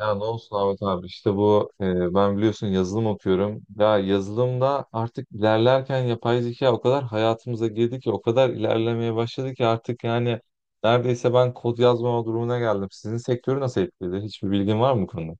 Ya ne olsun Ahmet abi işte ben biliyorsun yazılım okuyorum. Ya yazılımda artık ilerlerken yapay zeka o kadar hayatımıza girdi ki o kadar ilerlemeye başladı ki artık yani neredeyse ben kod yazmama durumuna geldim. Sizin sektörü nasıl etkiledi? Hiçbir bilgin var mı bu konuda?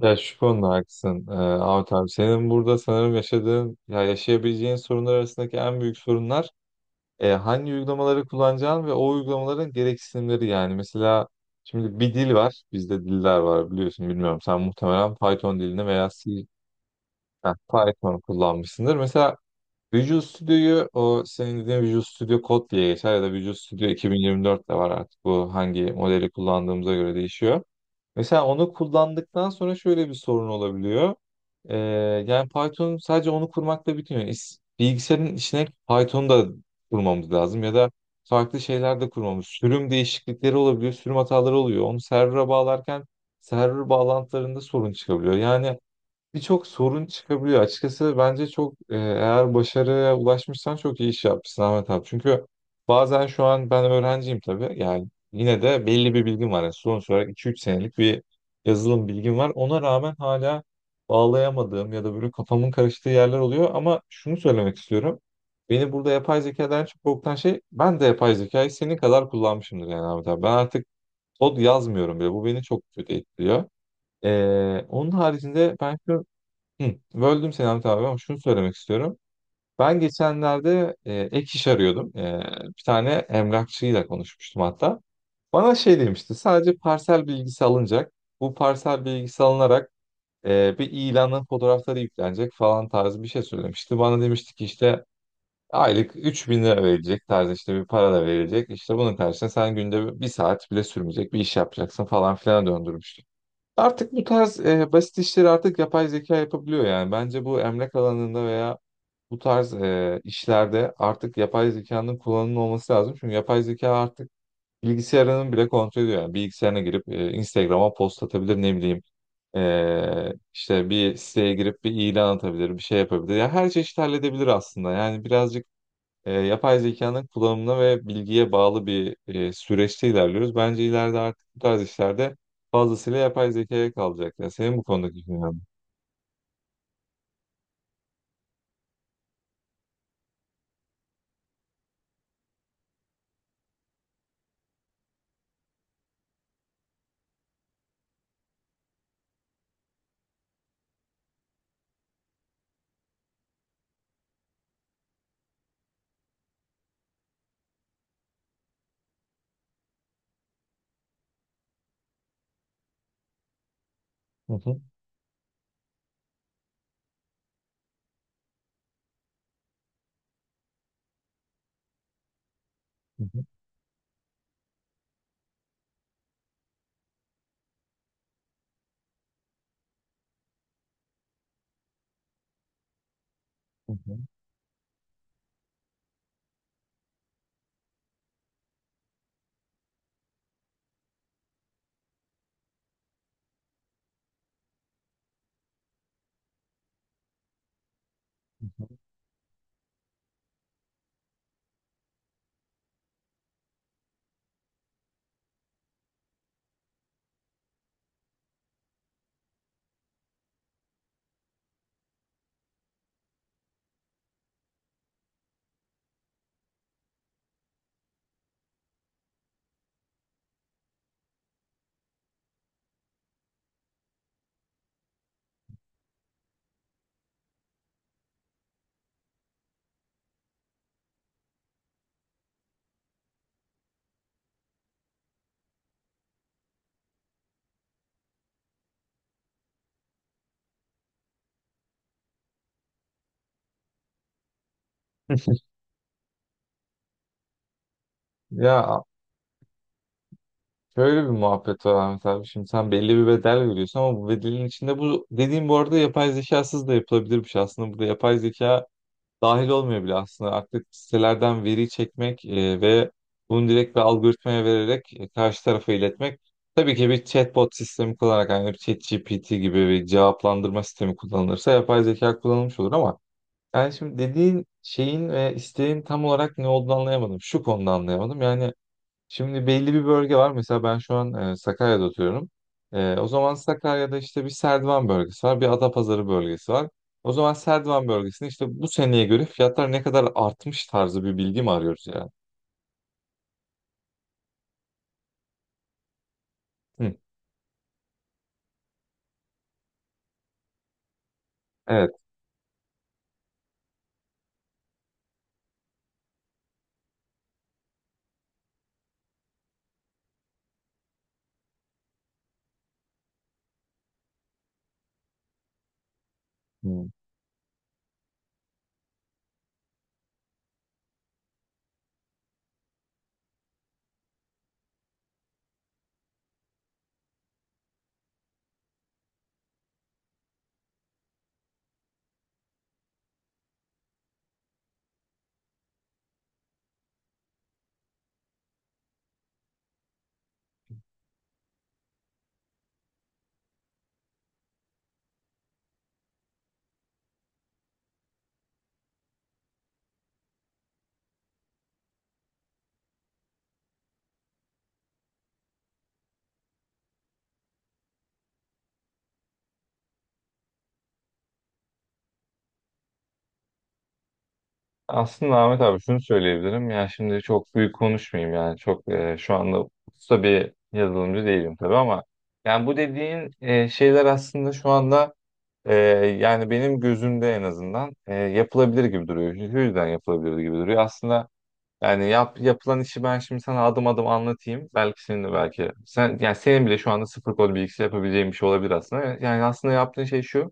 Ya şu konuda haklısın Ahmet abi. Senin burada sanırım yaşadığın ya yaşayabileceğin sorunlar arasındaki en büyük sorunlar hangi uygulamaları kullanacağın ve o uygulamaların gereksinimleri yani. Mesela şimdi bir dil var. Bizde diller var biliyorsun bilmiyorum. Sen muhtemelen Python dilini veya C, heh, Python kullanmışsındır. Mesela Visual Studio'yu o senin dediğin Visual Studio Code diye geçer ya da Visual Studio 2024 de var artık. Bu hangi modeli kullandığımıza göre değişiyor. Mesela onu kullandıktan sonra şöyle bir sorun olabiliyor. Ee, Yani Python sadece onu kurmakla bitmiyor. Bilgisayarın içine Python da kurmamız lazım ya da farklı şeyler de kurmamız. Sürüm değişiklikleri olabiliyor, sürüm hataları oluyor. Onu server'a bağlarken server bağlantılarında sorun çıkabiliyor. Yani birçok sorun çıkabiliyor. Açıkçası bence çok eğer başarıya ulaşmışsan çok iyi iş yapmışsın Ahmet abi. Çünkü bazen şu an ben öğrenciyim tabii. Yani yine de belli bir bilgim var. Yani sonuç olarak iki üç senelik bir yazılım bilgim var. Ona rağmen hala bağlayamadığım ya da böyle kafamın karıştığı yerler oluyor. Ama şunu söylemek istiyorum. Beni burada yapay zekadan çok korkutan şey ben de yapay zekayı senin kadar kullanmışımdır yani Ahmet abi. Ben artık kod yazmıyorum bile. Bu beni çok kötü etkiliyor. Onun haricinde ben şu. Hı, böldüm seni Hamit abi ama şunu söylemek istiyorum. Ben geçenlerde ek iş arıyordum. E, bir tane emlakçıyla konuşmuştum hatta. Bana şey demişti, sadece parsel bilgisi alınacak. Bu parsel bilgisi alınarak bir ilanın fotoğrafları yüklenecek falan tarzı bir şey söylemişti. Bana demişti ki işte aylık 3000 lira verilecek tarzı işte bir para da verilecek. İşte bunun karşısında sen günde bir saat bile sürmeyecek bir iş yapacaksın falan filan. Artık bu tarz basit işleri artık yapay zeka yapabiliyor yani. Bence bu emlak alanında veya bu tarz işlerde artık yapay zekanın kullanımı olması lazım. Çünkü yapay zeka artık bilgisayarının bile kontrol ediyor. Yani bilgisayarına girip Instagram'a post atabilir, ne bileyim. E, işte bir siteye girip bir ilan atabilir, bir şey yapabilir. Ya her çeşit halledebilir aslında. Yani birazcık yapay zekanın kullanımına ve bilgiye bağlı bir süreçte ilerliyoruz. Bence ileride artık bu tarz işlerde fazlasıyla yapay zekaya kalacak. Ya senin bu konudaki fikrin? Hı hı, hı hı, hı hı. Ya şöyle bir muhabbet var Ahmet abi. Şimdi sen belli bir bedel veriyorsun ama bu bedelin içinde bu dediğim, bu arada, yapay zekasız da yapılabilirmiş aslında. Burada yapay zeka dahil olmuyor bile aslında. Artık sitelerden veri çekmek ve bunu direkt bir algoritmaya vererek karşı tarafa iletmek. Tabii ki bir chatbot sistemi kullanarak yani bir ChatGPT gibi bir cevaplandırma sistemi kullanılırsa yapay zeka kullanılmış olur ama yani şimdi dediğin şeyin ve isteğin tam olarak ne olduğunu anlayamadım. Şu konuda anlayamadım. Yani şimdi belli bir bölge var. Mesela ben şu an Sakarya'da oturuyorum. E, o zaman Sakarya'da işte bir Serdivan bölgesi var, bir Adapazarı bölgesi var. O zaman Serdivan bölgesinde işte bu seneye göre fiyatlar ne kadar artmış tarzı bir bilgi mi arıyoruz yani? Hı, evet. Hı. Aslında Ahmet abi şunu söyleyebilirim. Yani şimdi çok büyük konuşmayayım, yani çok şu anda usta bir yazılımcı değilim tabii ama yani bu dediğin şeyler aslında şu anda Ee, Yani benim gözümde en azından yapılabilir gibi duruyor. Şu yüzden yapılabilir gibi duruyor. Aslında yani yapılan işi ben şimdi sana adım adım anlatayım. Belki senin de belki sen, yani senin bile şu anda sıfır kod bilgisi yapabileceğin bir şey olabilir aslında. Yani aslında yaptığın şey şu.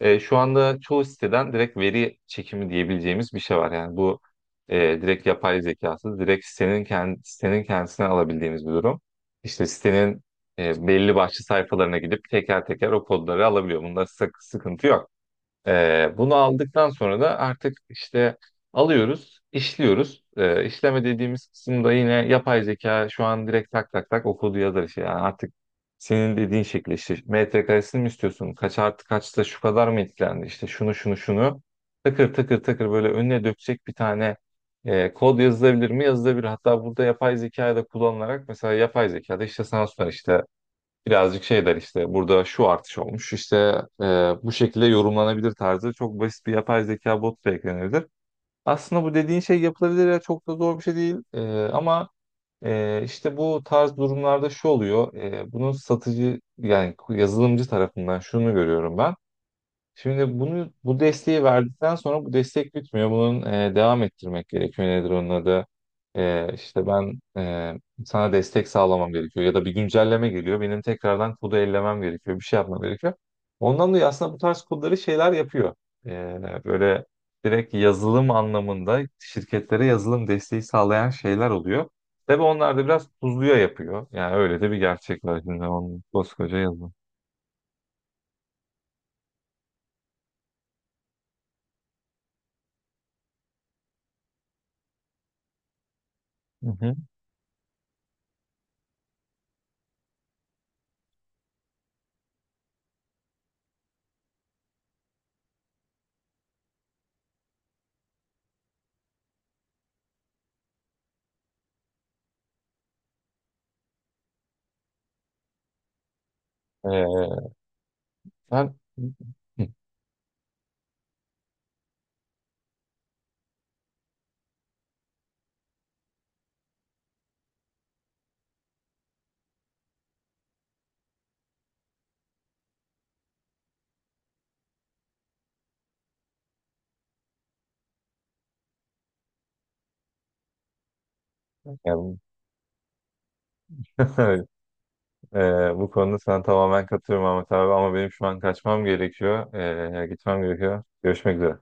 E, şu anda çoğu siteden direkt veri çekimi diyebileceğimiz bir şey var. Yani bu direkt yapay zekası, direkt sitenin kendisine alabildiğimiz bir durum. İşte sitenin belli başlı sayfalarına gidip teker teker o kodları alabiliyor. Bunda sıkıntı yok. Bunu aldıktan sonra da artık işte alıyoruz, işliyoruz. İşleme dediğimiz kısımda yine yapay zeka şu an direkt tak tak tak okudu yazar işte. Yani artık senin dediğin şekilde işte metrekaresini mi istiyorsun? Kaç artı kaçta şu kadar mı etkilendi? İşte şunu şunu şunu takır takır takır böyle önüne dökecek bir tane kod yazılabilir mi? Yazılabilir. Hatta burada yapay zekayı da kullanılarak mesela yapay zekada işte sana sorar işte birazcık şey der, işte burada şu artış olmuş işte, e, bu şekilde yorumlanabilir tarzı çok basit bir yapay zeka bot da eklenebilir. Aslında bu dediğin şey yapılabilir ya, çok da zor bir şey değil. Ama işte bu tarz durumlarda şu oluyor. Bunun satıcı yani yazılımcı tarafından şunu görüyorum ben. Şimdi bunu, bu desteği verdikten sonra bu destek bitmiyor. Bunun devam ettirmek gerekiyor. Nedir onun adı? E, işte ben e, Sana destek sağlamam gerekiyor. Ya da bir güncelleme geliyor. Benim tekrardan kodu ellemem gerekiyor. Bir şey yapmam gerekiyor. Ondan dolayı aslında bu tarz kodları şeyler yapıyor. Böyle direkt yazılım anlamında şirketlere yazılım desteği sağlayan şeyler oluyor. Tabii onlar da biraz tuzluya yapıyor. Yani öyle de bir gerçek var şimdi onun koskoca yazılım. Hı hı. E, ben- Ya bu- evet, e, bu konuda sana tamamen katılıyorum Ahmet abi ama benim şu an kaçmam gerekiyor. Gitmem gerekiyor. Görüşmek üzere.